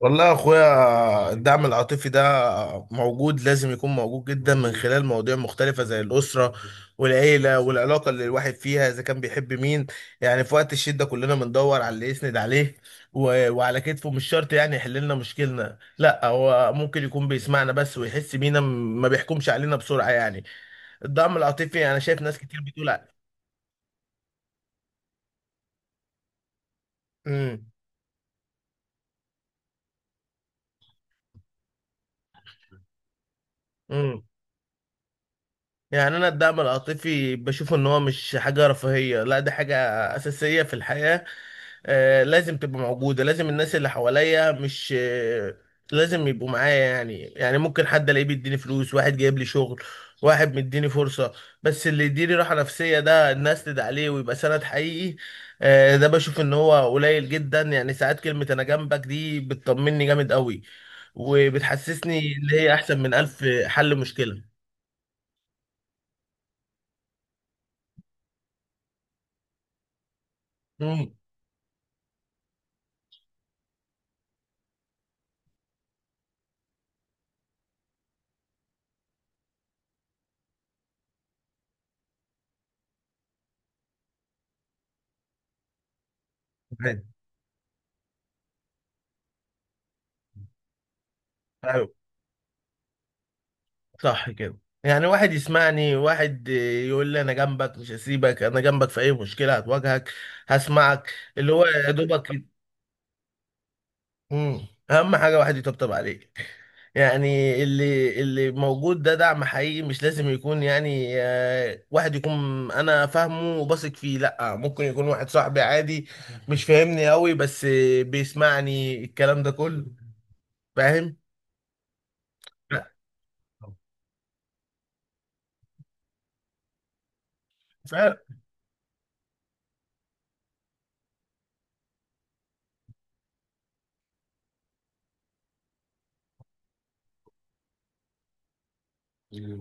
والله يا اخويا الدعم العاطفي ده موجود، لازم يكون موجود جدا من خلال مواضيع مختلفة زي الأسرة والعيلة والعلاقة اللي الواحد فيها إذا كان بيحب مين. يعني في وقت الشدة كلنا بندور على اللي يسند عليه وعلى كتفه. مش شرط يعني يحل لنا مشكلنا، لا هو ممكن يكون بيسمعنا بس ويحس بينا، ما بيحكمش علينا بسرعة يعني. الدعم العاطفي أنا شايف ناس كتير بتقول امم يعني انا الدعم العاطفي بشوف ان هو مش حاجه رفاهيه، لا ده حاجه اساسيه في الحياه. آه، لازم تبقى موجوده، لازم الناس اللي حواليا مش لازم يبقوا معايا. يعني يعني ممكن حد الاقيه بيديني فلوس، واحد جايب لي شغل، واحد مديني فرصه، بس اللي يديني راحه نفسيه، ده الناس تدعي عليه ويبقى سند حقيقي. آه، ده بشوف ان هو قليل جدا. يعني ساعات كلمه انا جنبك دي بتطمني جامد قوي، وبتحسسني ان هي احسن من الف حل مشكله. مم. صح كده. يعني واحد يسمعني، واحد يقول لي انا جنبك مش هسيبك، انا جنبك في اي مشكله هتواجهك، هسمعك، اللي هو يا دوبك. مم. اهم حاجه واحد يطبطب عليك. يعني اللي موجود ده دعم حقيقي. مش لازم يكون يعني آه، واحد يكون انا فاهمه وبثق فيه، لا ممكن يكون واحد صاحبي عادي مش فاهمني قوي، بس بيسمعني الكلام ده كله. فاهم.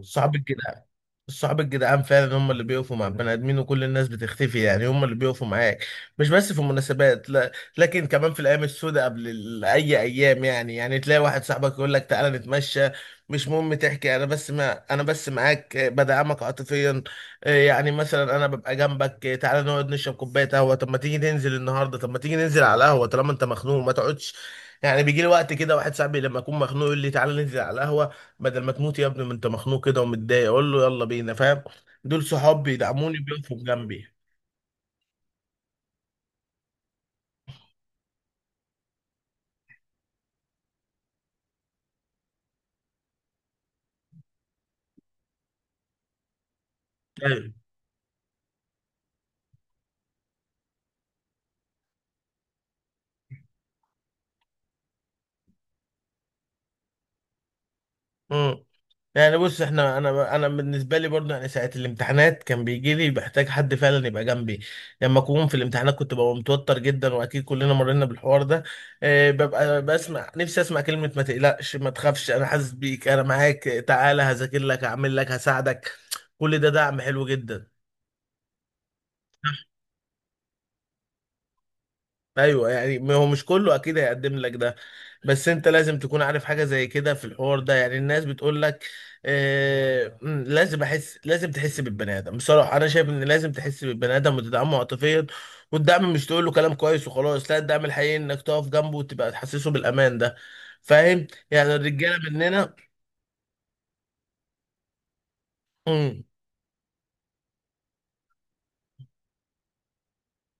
صحاب الجدعان، الصحاب الجدعان فعلا هم اللي بيقفوا مع البني ادمين، وكل الناس بتختفي. يعني هم اللي بيقفوا معاك مش بس في المناسبات، لا لكن كمان في الايام السوداء قبل اي ايام. يعني يعني تلاقي واحد صاحبك يقول لك تعالى نتمشى، مش مهم تحكي، انا بس ما انا بس معاك آه، بدعمك عاطفيا. آه، يعني مثلا انا ببقى جنبك آه، تعالى نقعد نشرب كوبايه قهوه، طب ما تيجي ننزل النهارده، طب ما تيجي ننزل على القهوه طالما انت مخنوق، ما تقعدش. يعني بيجي لي وقت كده واحد صاحبي لما اكون مخنوق يقول لي تعالى ننزل على القهوه، بدل ما تموت يا ابني ما انت مخنوق كده ومتضايق، اقول له يلا بينا. فاهم، دول صحاب بيدعموني بيقفوا جنبي. ايوه. امم. يعني بص احنا انا بالنسبه لي برضه، يعني ساعه الامتحانات كان بيجي لي بحتاج حد فعلا يبقى جنبي. لما اكون في الامتحانات كنت ببقى متوتر جدا، واكيد كلنا مرينا بالحوار ده. اه، ببقى بسمع نفسي، اسمع كلمه ما تقلقش، ما تخافش، انا حاسس بيك، انا معاك، تعالى هذاكر لك، هعمل لك، هساعدك. كل ده دعم حلو جدا. ايوه. يعني ما هو مش كله اكيد هيقدم لك ده، بس انت لازم تكون عارف حاجه زي كده في الحوار ده. يعني الناس بتقول لك آه لازم احس، لازم تحس بالبني ادم. بصراحه انا شايف ان لازم تحس بالبني ادم وتدعمه عاطفيا. والدعم مش تقول له كلام كويس وخلاص، لا الدعم الحقيقي انك تقف جنبه وتبقى تحسسه بالامان ده. فاهم، يعني الرجاله مننا. مم،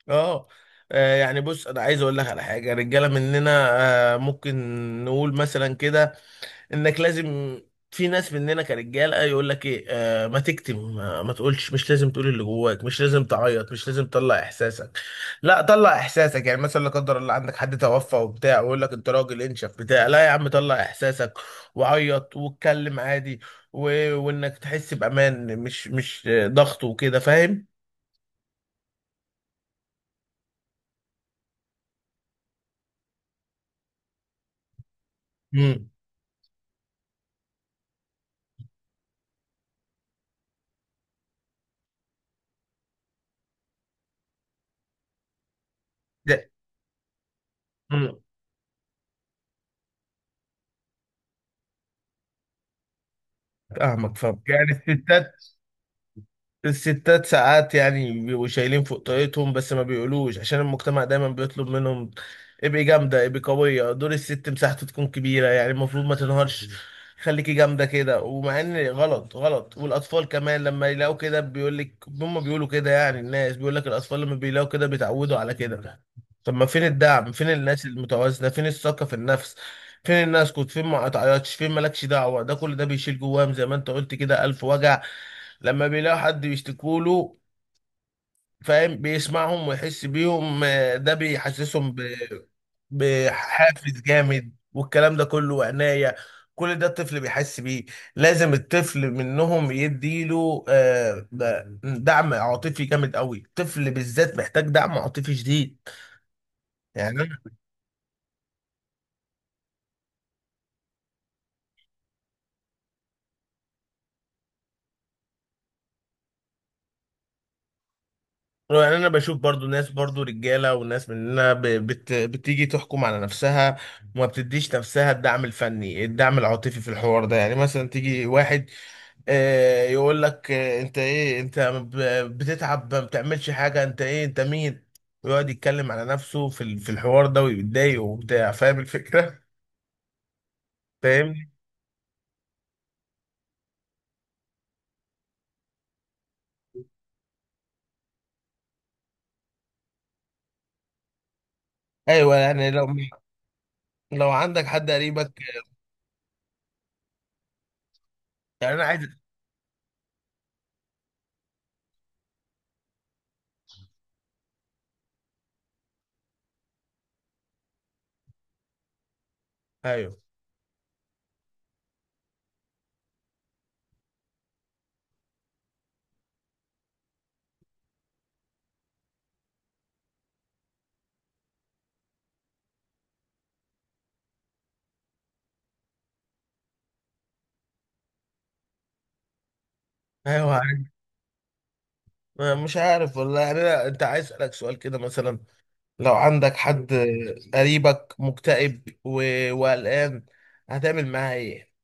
اه، آه، يعني بص انا عايز اقول لك على حاجه، الرجاله مننا آه ممكن نقول مثلا كده انك لازم، في ناس مننا كرجاله يقول لك ايه آه، ما تكتم، ما تقولش، مش لازم تقول اللي جواك، مش لازم تعيط، مش لازم تطلع احساسك. لا طلع احساسك. يعني مثلا لا قدر الله عندك حد توفى وبتاع ويقول لك انت راجل انشف بتاع لا يا عم طلع احساسك وعيط واتكلم عادي. و... وانك تحس بامان، مش آه، ضغط وكده. فاهم. امم. ده- امم. فاهمك فاهمك. يعني الستات، الستات ساعات يعني بيبقوا شايلين فوق طاقتهم بس ما بيقولوش، عشان المجتمع دايما بيطلب منهم ابقي جامدة، ابقي قوية. دور الست مساحته تكون كبيرة، يعني المفروض ما تنهارش، خليكي جامدة كده. ومع ان غلط غلط. والأطفال كمان لما يلاقوا كده بيقولك هم بيقولوا كده. يعني الناس بيقولك الأطفال لما بيلاقوا كده بيتعودوا على كده. طب ما فين الدعم؟ فين الناس المتوازنة؟ فين الثقة في النفس؟ فين الناس كنت فين ما تعيطش فين مالكش دعوة؟ ده كل ده بيشيل جواهم زي ما انت قلت كده ألف وجع. لما بيلاقوا حد بيشتكوا له، فاهم، بيسمعهم ويحس بيهم آه، ده بيحسسهم بحافز جامد والكلام ده كله وعناية. كل ده الطفل بيحس بيه. لازم الطفل منهم يديله آه، دعم عاطفي جامد قوي. الطفل بالذات محتاج دعم عاطفي شديد. يعني انا بشوف برضو ناس برضو رجاله وناس مننا ب- بت بتيجي تحكم على نفسها وما بتديش نفسها الدعم الفني، الدعم العاطفي في الحوار ده. يعني مثلا تيجي واحد آه، يقول لك آه، انت ايه انت بتتعب، ما بتعملش حاجه، انت ايه، انت مين؟ ويقعد يتكلم على نفسه في في الحوار ده ويتضايق وبتاع. فاهم الفكره. فاهمني. ايوه. يعني لو عندك حد قريبك. يعني انا عايز ايوه ايوه عايز- مش عارف والله. يعني انت عايز اسالك سؤال كده مثلا، لو عندك حد قريبك مكتئب وقلقان، هتعمل معاه ايه؟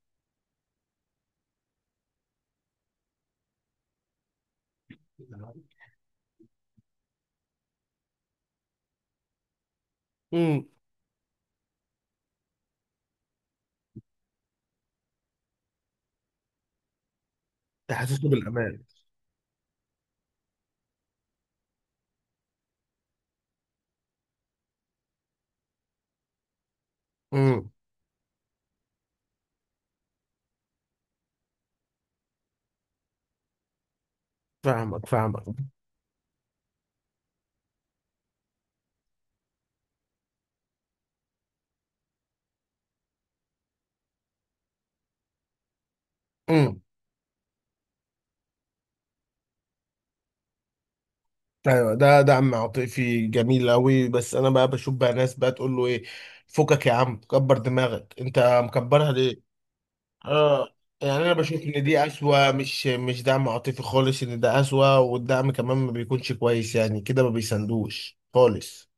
امم. تحسسه بالامان. امم. فاهمك فاهمك. امم. ايوه ده عم عاطفي جميل قوي. بس انا بقى بشوف بقى ناس بقى تقول له ايه، فكك يا عم، كبر دماغك، انت مكبرها ليه؟ اه. يعني انا بشوف ان دي اسوأ، مش دعم عاطفي خالص، ان ده اسوأ، والدعم كمان ما بيكونش كويس، يعني كده ما بيساندوش خالص.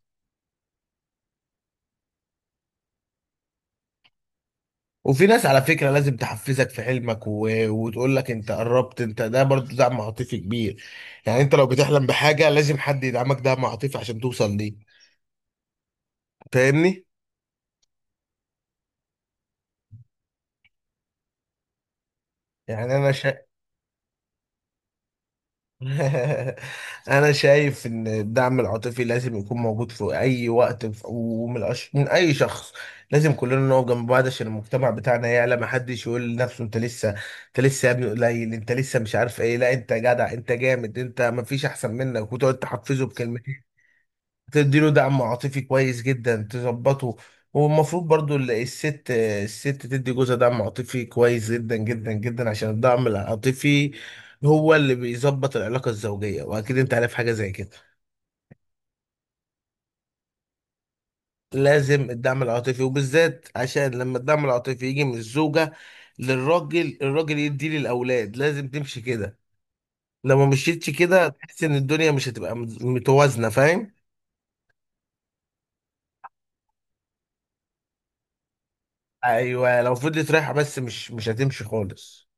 وفي ناس على فكرة لازم تحفزك في حلمك وتقول لك انت قربت، انت ده برضو دعم عاطفي كبير. يعني انت لو بتحلم بحاجة لازم حد يدعمك دعم عاطفي عشان توصل ليه. فاهمني. يعني انا شا... انا شايف ان الدعم العاطفي لازم يكون موجود في اي وقت ومن من اي شخص. لازم كلنا نقف جنب بعض عشان المجتمع بتاعنا يعلى. ما حدش يقول لنفسه انت لسه، انت لسه يا ابني قليل، انت لسه مش عارف ايه. لا انت جدع، انت جامد، انت ما فيش احسن منك، وتقعد تحفزه بكلمتين تديله دعم عاطفي كويس جدا، تظبطه. والمفروض برضو الست، الست تدي جوزها دعم عاطفي كويس جدا جدا جدا، عشان الدعم العاطفي هو اللي بيظبط العلاقة الزوجية، واكيد انت عارف حاجة زي كده. لازم الدعم العاطفي، وبالذات عشان لما الدعم العاطفي يجي من الزوجة للراجل، الراجل يديه للأولاد، لازم تمشي كده. لو ما مشيتش كده تحس ان الدنيا مش هتبقى متوازنة. فاهم. ايوه. لو فضلت رايحة بس، مش هتمشي خالص.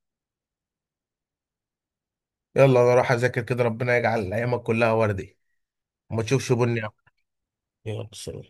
يلا انا اروح اذاكر كده. ربنا يجعل ايامك كلها وردي وما تشوفش بني. يلا سلام.